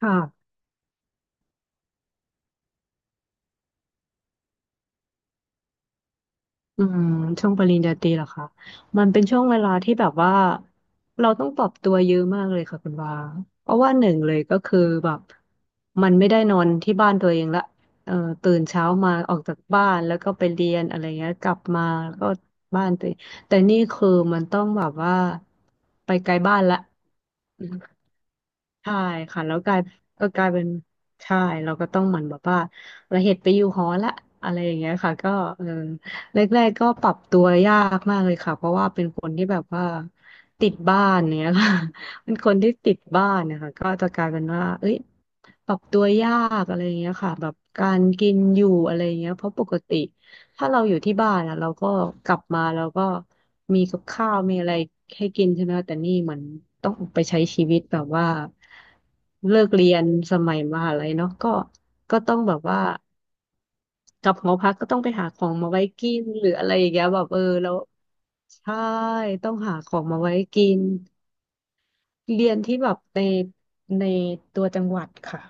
ค่ะอืมช่วงปริญญาตรีเหรอคะมันเป็นช่วงเวลาที่แบบว่าเราต้องปรับตัวเยอะมากเลยค่ะคุณวาเพราะว่าหนึ่งเลยก็คือแบบมันไม่ได้นอนที่บ้านตัวเองละเอ่อตื่นเช้ามาออกจากบ้านแล้วก็ไปเรียนอะไรเงี้ยกลับมาแล้วก็บ้านตัวเองแต่นี่คือมันต้องแบบว่าไปไกลบ้านละ ใช่ค่ะแล้วกลายก็กลายเป็นใช่เราก็ต้องเหมือนแบบว่าเราเหตุไปอยู่หอละอะไรอย่างเงี้ยค่ะก็เออแรกๆก็ปรับตัวยากมากเลยค่ะเพราะว่าเป็นคนที่แบบว่าติดบ้านเนี้ยค่ะ เป็นคนที่ติดบ้านเนะคะก็จะกลายเป็นว่าเอ้ยปรับตัวยากอะไรอย่างเงี้ยค่ะแบบการกินอยู่อะไรอย่างเงี้ยเพราะปกติ ถ้าเราอยู่ที่บ้านอะเราก็กลับมาเราก็มีกับข้าวมีอะไรให้กินใช่ไหมคะแต่นี่เหมือนต้องออกไปใช้ชีวิตแบบว่าเลิกเรียนสมัยมหาลัยเนาะก็ก็ต้องแบบว่ากลับหอพักก็ต้องไปหาของมาไว้กินหรืออะไรอย่างเงี้ยแบบเออแล้วใช่ต้องหาของมาไว้กิน เรียนที่แบบในในตัวจังหวัดค่ะ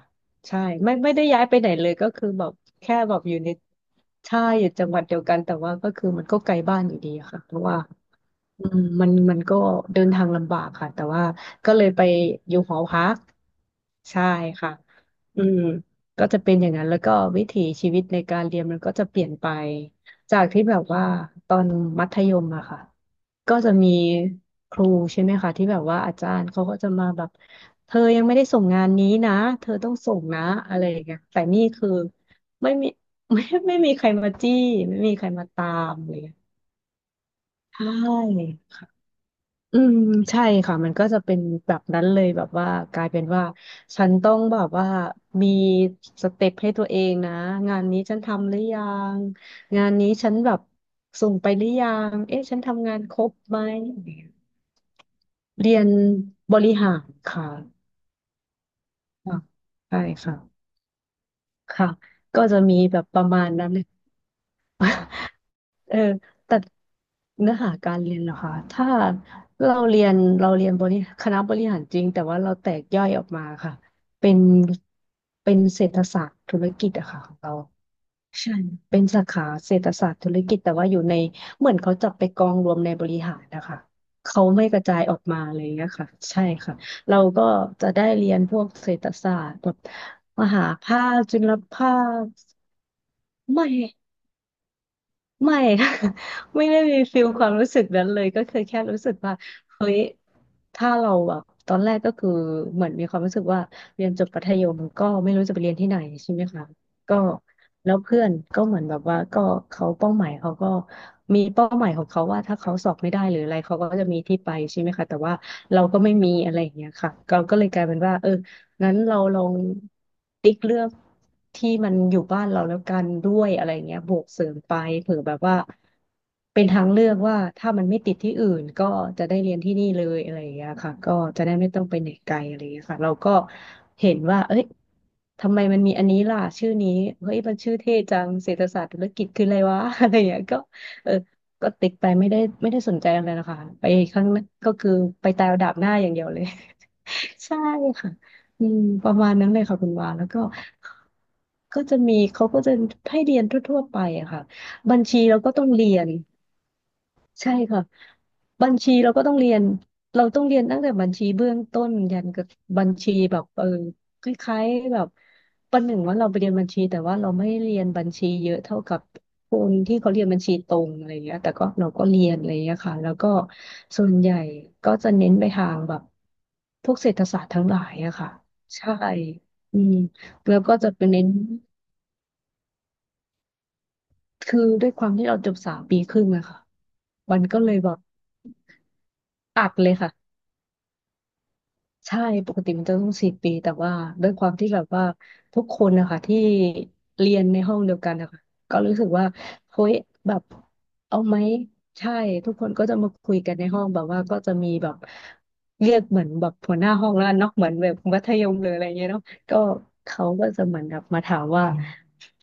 ใช่ไม่ได้ย้ายไปไหนเลยก็คือแบบแค่แบบอยู่ในใช่อยู่จังหวัดเดียวกันแต่ว่าก็คือมันก็ไกลบ้านอยู่ดีอะค่ะเพราะว่า อืมมันก็เดินทางลำบากค่ะแต่ว่าก็เลยไปอยู่หอพักใช่ค่ะอืมก็จะเป็นอย่างนั้นแล้วก็วิถีชีวิตในการเรียนมันก็จะเปลี่ยนไปจากที่แบบว่าตอนมัธยมอะค่ะก็จะมีครูใช่ไหมคะที่แบบว่าอาจารย์เขาก็จะมาแบบเธอยังไม่ได้ส่งงานนี้นะเธอต้องส่งนะอะไรอย่างเงี้ยแต่นี่คือไม่มี ไม่ไม่มีใครมาจี้ไม่มีใครมาตามเลยใช่ อืมใช่ค่ะมันก็จะเป็นแบบนั้นเลยแบบว่ากลายเป็นว่าฉันต้องแบบว่ามีสเต็ปให้ตัวเองนะงานนี้ฉันทำหรือยังงานนี้ฉันแบบส่งไปหรือยังเอ๊ะฉันทำงานครบไหมเรียนบริหารค่ะอ่ะใช่ค่ะค่ะก็จะมีแบบประมาณนั้นเลย เออแต่เนื้อหาการเรียนเหรอคะถ้าเราเรียนเราเรียนบริคณะบริหารจริงแต่ว่าเราแตกย่อยออกมาค่ะเป็นเป็นเศรษฐศาสตร์ธุรกิจอะค่ะของเราใช่เป็นสาขาเศรษฐศาสตร์ธุรกิจแต่ว่าอยู่ในเหมือนเขาจับไปกองรวมในบริหารนะคะเขาไม่กระจายออกมาเลยนะคะใช่ค่ะเราก็จะได้เรียนพวกเศรษฐศาสตร์แบบมหาภาคจุลภาคไม่ ไม่ค่ะ ไม่ได้มีฟิลความรู้สึกนั้นเลยก็คือแค่รู้สึกว่าเฮ้ยถ้าเราแบบตอนแรกก็คือเหมือนมีความรู้สึกว่าเรียนจบมัธยมก็ไม่รู้จะไปเรียนที่ไหนใช่ไหมคะก็แล้วเพื่อนก็เหมือนแบบว่าก็เขาเป้าหมายเขาก็มีเป้าหมายของเขาว่าถ้าเขาสอบไม่ได้หรืออะไรเขาก็จะมีที่ไปใช่ไหมคะแต่ว่าเราก็ไม่มีอะไรอย่างเงี้ยค่ะเราก็เลยกลายเป็นว่าเออ งั้นเราลองติ๊กเลือกที่มันอยู่บ้านเราแล้วกันด้วยอะไรเงี้ยบวกเสริมไปเผื่อแบบว่าเป็นทางเลือกว่าถ้ามันไม่ติดที่อื่นก็จะได้เรียนที่นี่เลยอะไรอย่างเงี้ยค่ะก็จะได้ไม่ต้องไปไหนไกลอะไรอย่างเงี้ยค่ะเราก็เห็นว่าเอ้ยทำไมมันมีอันนี้ล่ะชื่อนี้เฮ้ยมันชื่อเท่จังเศรษฐศาสตร์ธุรกิจคืออะไรวะ อะไรอย่างเงี้ยก็เออก็ติ๊กไปไม่ได้สนใจอะไรนะคะไปข้างหน้าก็คือไปตายเอาดาบหน้าอย่างเดียวเลย ใช่ค่ะอืมประมาณนั้นเลยค่ะคุณวาแล้วก็ ก็จะมี เขาก็จะให้เรียนทั่วๆไปอะค่ะบัญชีเราก็ต้องเรียน ใช่ค่ะบัญชีเราก็ต้องเรียนเราต้องเรียนตั้งแต่บัญชีเบื้องต้นยันกับบัญชีแบบเออคล้ายๆแบบประหนึ่งว่าเราไปเรียนบัญชีแต่ว่าเราไม่เรียนบัญชีเยอะเท่ากับคนที่เขาเรียนบัญชีตรงอะไรอย่างเงี้ยแต่ก็เราก็เรียนอะไรอย่างเงี้ยค่ะแล้วก็ส่วนใหญ่ก็จะเน้นไปทางแบบพวกเศรษฐศาสตร์ทั้งหลายอะค่ะใช่อืมแล้วก็จะเป็นเน้นคือด้วยความที่เราจบ3 ปีครึ่งอะค่ะมันก็เลยแบบอัดเลยค่ะ ใช่ปกติมันจะต้องสี่ปีแต่ว่าด้วยความที่แบบว่าทุกคนนะคะที่เรียนในห้องเดียวกันนะคะก็รู้สึกว่าเฮ้ยแบบเอาไหมใช่ทุกคนก็จะมาคุยกันในห้องแบบว่าก็จะมีแบบเรียกเหมือนแบบหัวหน้าห้องแล้วกันเนาะเหมือนแบบมัธยมหรืออะไรเงี้ยเนาะก็เขาก็จะเหมือนแบบมาถามว่า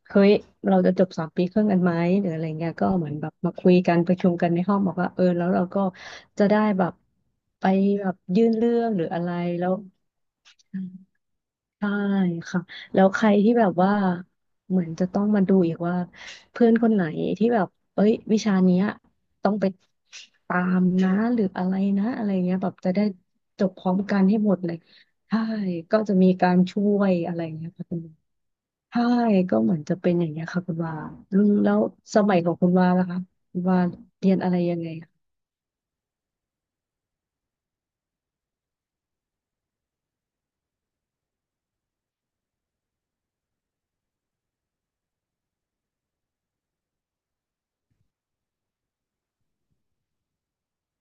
เฮ้ยเราจะจบสามปีครึ่งกันไหมหรืออะไรเงี้ยก็เหมือนแบบมาคุยกันประชุมกันในห้องบอกว่าเออแล้วเราก็จะได้แบบไปแบบยื่นเรื่องหรืออะไรแล้วใช่ค่ะแล้วใครที่แบบว่าเหมือนจะต้องมาดูอีกว่าเพื่อนคนไหนที่แบบเอ้ยวิชาเนี้ยต้องไปตามนะหรืออะไรนะอะไรเงี้ยแบบจะได้จบพร้อมกันให้หมดเลยใช่ก็จะมีการช่วยอะไรเงี้ยค่ะ ใช่ก็เหมือนจะเป็นอย่างเงี้ยค่ะคุณว่าอืมแล้วสมัยของคุณว่าล่ะคะคุณว่าเรียนอะไรยังไงคะ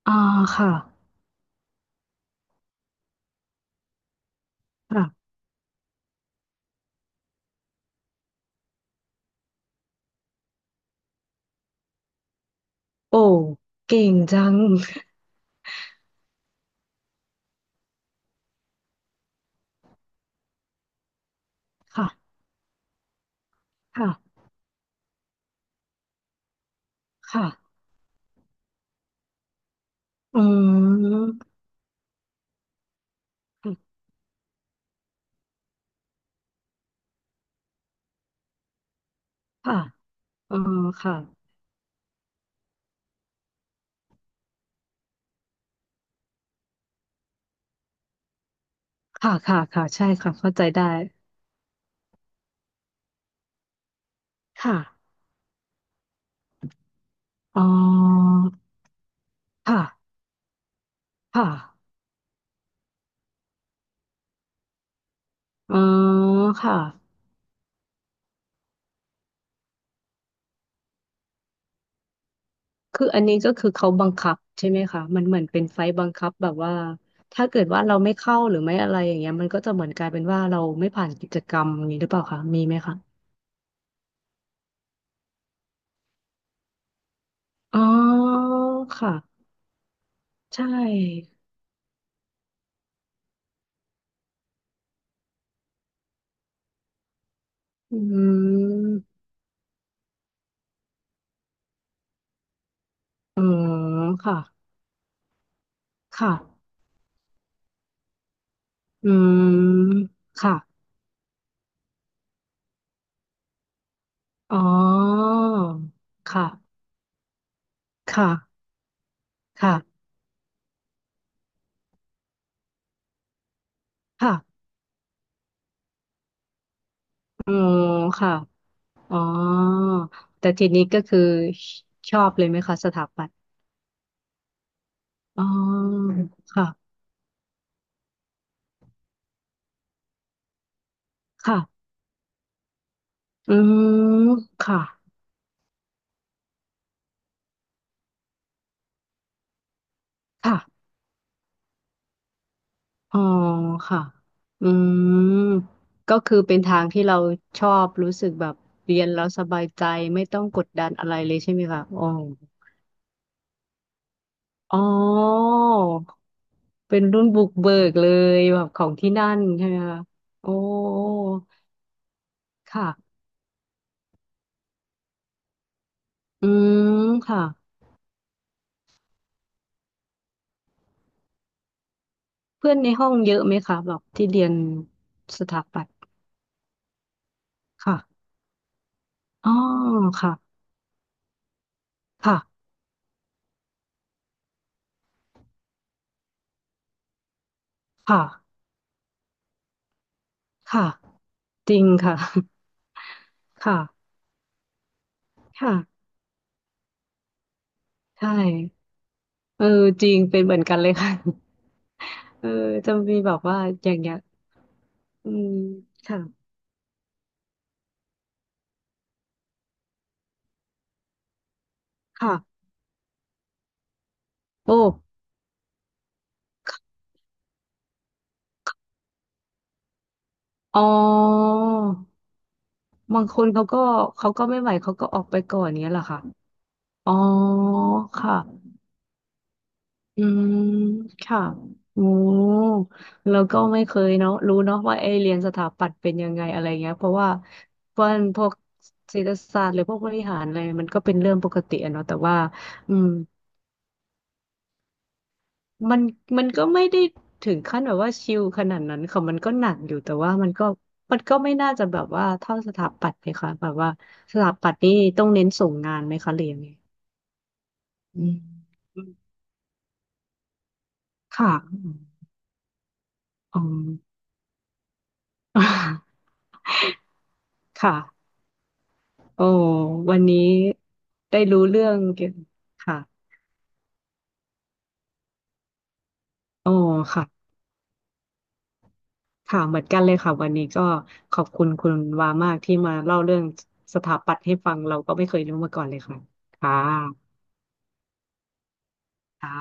อ่าค่ะค่ะ โอ้เก่งจัง ค่ะ ค่ะค่ะอืมค่ะเออค่ะค่ะค่ะค่ะใช่ค่ะเข้าใจได้ ค่ะอ๋อค่ะค่ะอ๋อค่ะ คืออันนี้ก็คือเขาบังคับใช่ไหมคะมันเหมือนเป็นไฟล์บังคับแบบว่าถ้าเกิดว่าเราไม่เข้าหรือไม่อะไรอย่างเงี้ยมันก็จะเหมือนกลายเป็นว่าเราไม่ผ่านกิจกรรมอย่างนี้หรือเปล่าคะมีไหมคะอ๋อค่ะใช่อืมอ๋อค่ะค่ะอืมค่ะอ๋อค่ะค่ะค่ะค่ะอ๋อค่ะอ๋อแต่ทีนี้ก็คือชอบเลยไหมคะสถาปัตย์ อ๋อค่ะค่ะอืมค่ะค่ะอ๋อค่ะอืมก็คือเป็นทางที่เราชอบรู้สึกแบบเรียนแล้วสบายใจไม่ต้องกดดันอะไรเลยใช่ไหมคะอ๋ออ๋อเป็นรุ่นบุกเบิกเลยแบบของที่นั่นใช่ไหมคะโอ้ค่ะอืมค่ะเพื่อนในห้องเยอะไหมคะแบบที่เรียนสถาปัตย์ค่ะอ๋อค่ะค่ะค่ะค่ะ จริงค่ะ ค่ะค่ะใช่เออจริงเป็นเหมือนกันเลยค่ะ เออจะมีแบบว่าอย่างเงี้ยอืมค่ะ ค่ะ โอ้ อ๋อบางคนเขาก็เขาก็ไม่ไหวเขาก็ออกไปก่อนเนี้ยเหรอคะอ๋อ ค่ะ อืมค่ะโอ้แล้วก็ไม่เคยเนาะรู้เนาะว่าไอ้เรียนสถาปัตย์เป็นยังไงอะไรเงี้ยเพราะว่าพวกพวกเศรษฐศาสตร์หรือพวกบริหารอะไรมันก็เป็นเรื่องปกติอะเนาะแต่ว่าอืมมันมันก็ไม่ได้ถึงขั้นแบบว่าชิลขนาดนั้นค่ะมันก็หนักอยู่แต่ว่ามันก็มันก็ไม่น่าจะแบบว่าเท่าสถาปัตย์เลยค่ะแบบว่าสถาปัตย์นี่ต้องเน้นส่งงานไหมคะเรียนเนี่ยอืมค่ะอ๋อ ค่ะ โอ้วันนี้ได้รู้เรื่องเกี่ยวค่ะโอ้ค่ะค่ะเหมือนกันเลยค่ะวันนี้ก็ขอบคุณคุณวามากที่มาเล่าเรื่องสถาปัตย์ให้ฟังเราก็ไม่เคยรู้มาก่อนเลยค่ะค่ะค่ะ